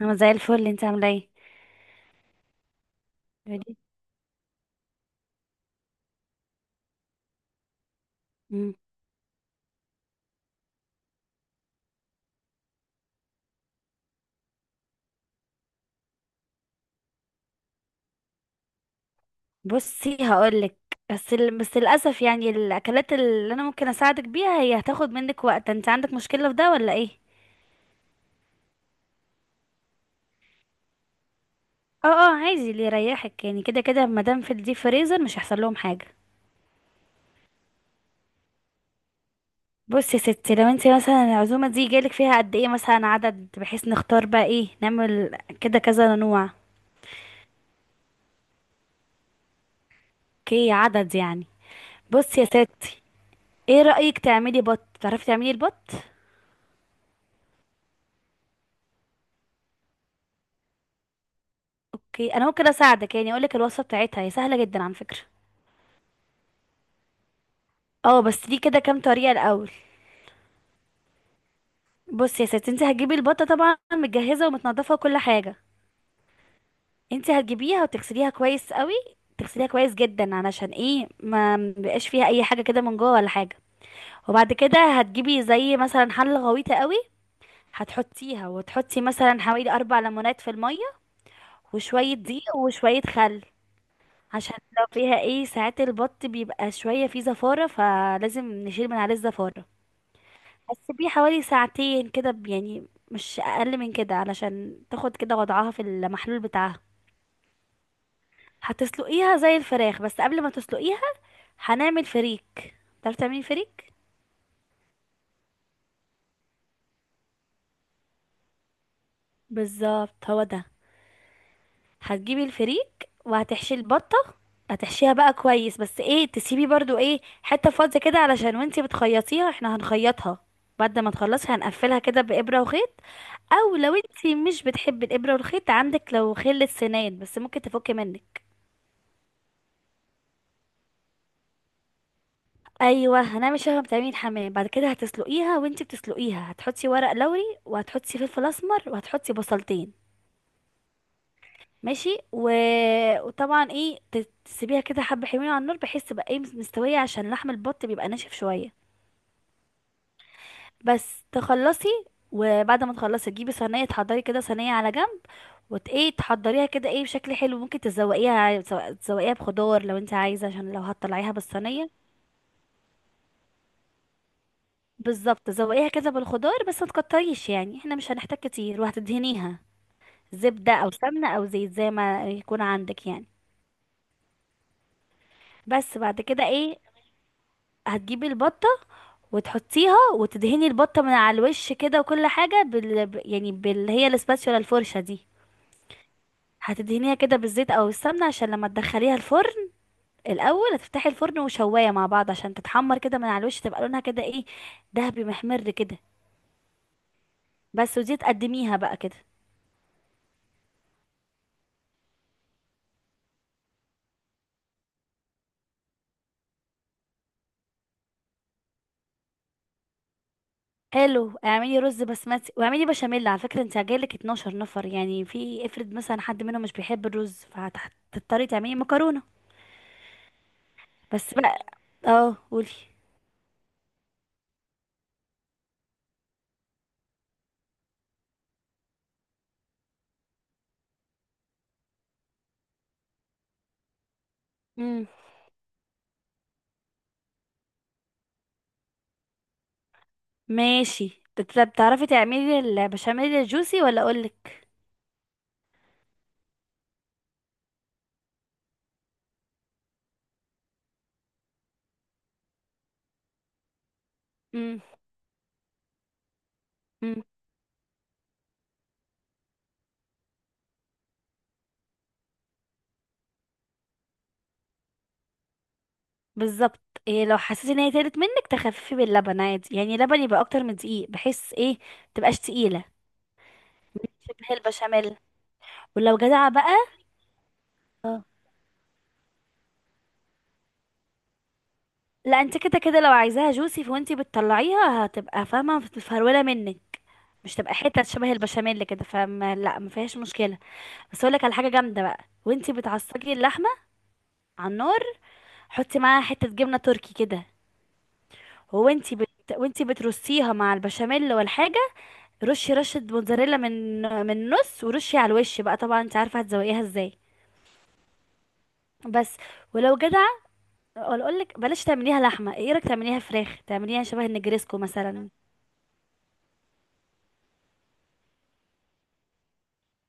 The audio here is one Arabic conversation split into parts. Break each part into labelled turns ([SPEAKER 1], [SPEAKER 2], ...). [SPEAKER 1] انا زي الفل، انت عامله ايه؟ قولي. مم. بصي هقولك. بس للاسف، يعني الاكلات اللي انا ممكن اساعدك بيها هي هتاخد منك وقت. انت عندك مشكله في ده ولا ايه؟ اه اه، عادي اللي يريحك. يعني كده كده مادام في الديب فريزر مش هيحصل لهم حاجه. بصي يا ستي، لو انت مثلا العزومه دي جالك فيها قد ايه مثلا عدد، بحيث نختار بقى ايه نعمل كده كذا نوع. اوكي، عدد يعني. بصي يا ستي، ايه رايك تعملي بط؟ تعرفي تعملي البط؟ اوكي، انا ممكن اساعدك. يعني اقولك الوصفه بتاعتها هي سهله جدا على فكره. اه بس دي كده كام طريقه الاول. بصي يا ستي، انت هتجيبي البطه طبعا متجهزه ومتنضفه وكل حاجه. انت هتجيبيها وتغسليها كويس قوي. تغسليها كويس جدا، علشان ايه، ما مبقاش فيها اي حاجه كده من جوه ولا حاجه. وبعد كده هتجيبي زي مثلا حله غويطه قوي. هتحطيها وتحطي مثلا حوالي اربع ليمونات في الميه، وشويه دقيق وشويه خل. عشان لو فيها ايه، ساعات البط بيبقى شوية فيه زفارة، فلازم نشيل من عليه الزفارة. هتسيبيه حوالي ساعتين كده، يعني مش اقل من كده، علشان تاخد كده وضعها في المحلول بتاعها. هتسلقيها زي الفراخ، بس قبل ما تسلقيها هنعمل فريك. تعرفي تعملي فريك؟ بالظبط هو ده. هتجيبي الفريك وهتحشي البطة. هتحشيها بقى كويس، بس ايه، تسيبي برضو ايه حتة فاضية كده، علشان وانتي بتخيطيها، احنا هنخيطها. بعد ما تخلصي هنقفلها كده بإبرة وخيط. او لو انتي مش بتحبي الابره والخيط، عندك لو خل السنان بس ممكن تفك منك. ايوه، هنعمل شبه ما بتعملي الحمام. بعد كده هتسلقيها، وانتي بتسلقيها هتحطي ورق لوري، وهتحطي فلفل اسمر، وهتحطي بصلتين. ماشي وطبعا ايه، تسيبيها كده حبه حلوين على النار، بحيث تبقى ايه مستويه، عشان لحم البط بيبقى ناشف شويه. بس تخلصي. وبعد ما تخلصي، تجيبي صينيه، تحضري كده صينيه على جنب. وت ايه، تحضريها كده ايه، بشكل حلو، ممكن تزوقيها، تزوقيها بخضار لو انت عايزه، عشان لو هتطلعيها بالصينيه. بالظبط، تزوقيها كده بالخضار، بس ما تكتريش، يعني احنا مش هنحتاج كتير. وهتدهنيها زبده او سمنه او زيت، زي ما يكون عندك يعني. بس بعد كده ايه، هتجيبي البطه وتحطيها، وتدهني البطه من على الوش كده وكل حاجه يعني بال، هي الاسباتشولا، الفرشه دي. هتدهنيها كده بالزيت او السمنه، عشان لما تدخليها الفرن. الاول هتفتحي الفرن وشوايه مع بعض، عشان تتحمر كده من على الوش، تبقى لونها كده ايه، دهبي محمر كده. بس ودي تقدميها بقى كده. حلو، اعملي رز بسمتي واعملي بشاميل. على فكره انت جايلك 12 نفر، يعني في افرض مثلا حد منهم مش بيحب الرز، فهتضطري تعملي مكرونه. بس بقى اه قولي. امم ماشي، بتعرفي تعملي البشاميل الجوسي ولا اقولك؟ امم بالظبط. إيه، لو حسيتي ان هي تقلت منك، تخففي باللبن عادي، يعني لبن يبقى اكتر من دقيق، بحيث ايه، متبقاش تقيله، شبه البشاميل. ولو جدعه بقى اه. لا، انت كده كده لو عايزاها جوسي، فوانتي بتطلعيها هتبقى فاهمه متفروله منك. مش تبقى حتت شبه البشاميل كده، فما لا، ما فيهاش مشكله. بس اقول لك على حاجه جامده بقى، وانتي بتعصجي اللحمه على النار، حطي معاها حته جبنه تركي كده. وانتي بت... وانتي بترصيها مع البشاميل والحاجه، رشي رشة موتزاريلا من النص، ورشي على الوش بقى. طبعا انت عارفة هتزوقيها ازاي. بس، ولو جدعة، ولا اقولك بلاش تعمليها لحمة. ايه رأيك تعمليها فراخ، تعمليها شبه النجريسكو مثلا؟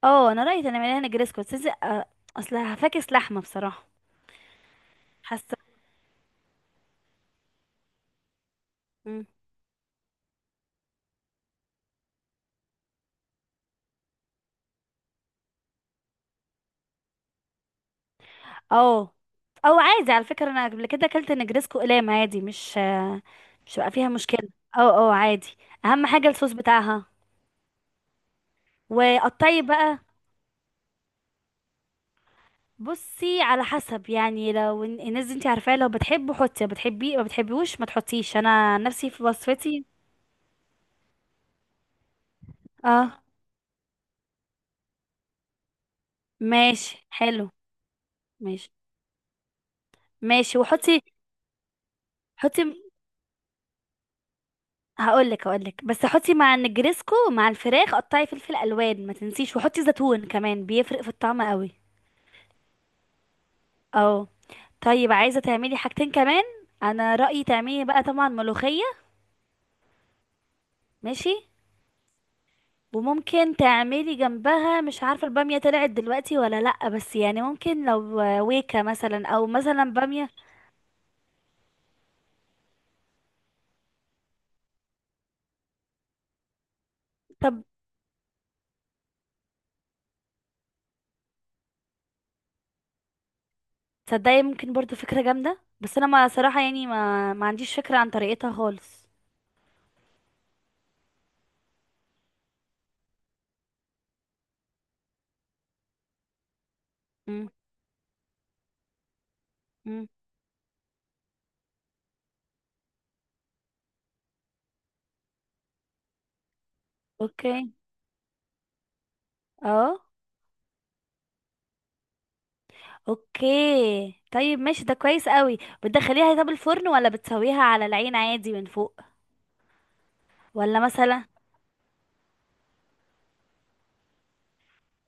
[SPEAKER 1] اه، انا رأيي تعمليها نجريسكو. بس إذا- آه، اصل هفاكس لحمة بصراحة، حاسة. مم. اه، او عادي. على فكرة انا قبل كده اكلت نجريسكو قلام عادي، مش آه، مش بقى فيها مشكلة. اه اه، عادي. اهم حاجة الصوص بتاعها. وقطعي بقى. بصي على حسب، يعني لو الناس دي انت عارفاه، لو بتحبه حطي، لو بتحبيه ما بتحبيهوش ما تحطيش. انا نفسي في وصفتي اه. ماشي، حلو. ماشي ماشي، وحطي. حطي. هقولك، بس حطي مع النجريسكو مع الفراخ، قطعي فلفل الوان ما تنسيش، وحطي زيتون كمان، بيفرق في الطعم قوي. اه. طيب، عايزه تعملي حاجتين كمان. انا رايي تعملي بقى طبعا ملوخيه. ماشي. وممكن تعملي جنبها، مش عارفة البامية طلعت دلوقتي ولا لأ، بس يعني ممكن لو، ويكا مثلا او مثلا بامية. طب تصدقي، ممكن برضو فكرة جامدة، بس انا ما صراحة، يعني ما عنديش فكرة عن طريقتها خالص. مم. مم. اوكي اه. اوكي، طيب ماشي، ده كويس قوي. بتدخليها طب الفرن ولا بتسويها على العين عادي من فوق؟ ولا مثلا.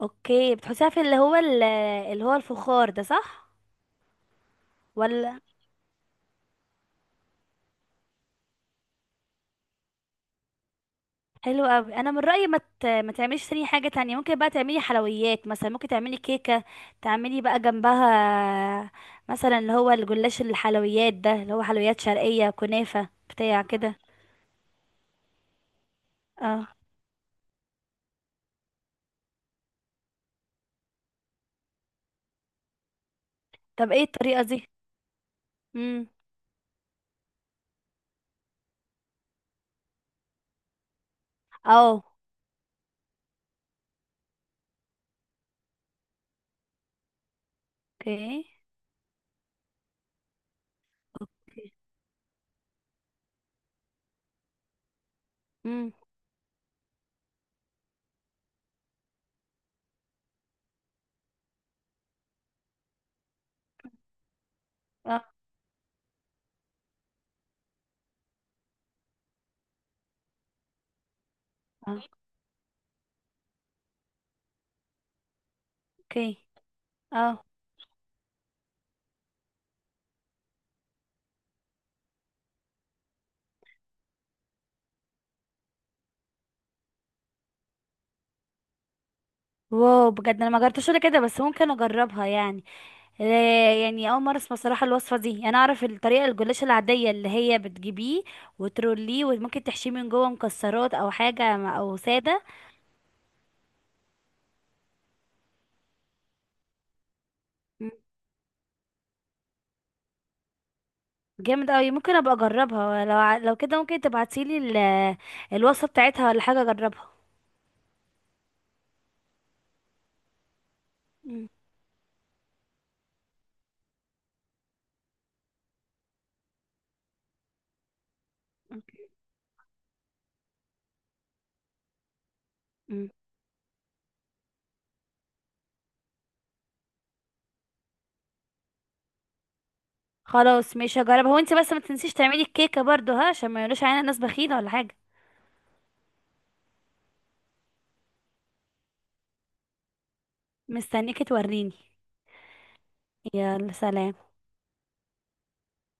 [SPEAKER 1] اوكي، بتحطيها في اللي هو اللي هو الفخار ده، صح؟ ولا. حلو قوي، انا من رايي ما تعمليش تاني حاجه تانية. ممكن بقى تعملي حلويات، مثلا ممكن تعملي كيكه، تعملي بقى جنبها، مثلا اللي هو الجلاش، الحلويات ده اللي هو حلويات شرقيه، كنافه بتاع كده اه. طب ايه الطريقه دي؟ امم اه. اوكي. اوكي. امم اه. آه، اوكي. اه. واو، بجد انا ما جربتش ولا كده، بس ممكن اجربها يعني. آه، يعني اول مره اسمع صراحه الوصفه دي. انا اعرف الطريقه الجلاش العاديه اللي هي بتجيبيه وتروليه، وممكن تحشيه من جوه مكسرات او حاجه، او ساده. مم. جامد قوي، ممكن ابقى اجربها. لو لو كده، ممكن تبعتيلي الوصفه بتاعتها ولا حاجه، اجربها. مم. مم. خلاص، مش هجربها. وانتي بس ما تنسيش تعملي الكيكه برضو ها، عشان ما يقولوش علينا ناس بخيله ولا حاجه. مستنيكي توريني. يلا سلام.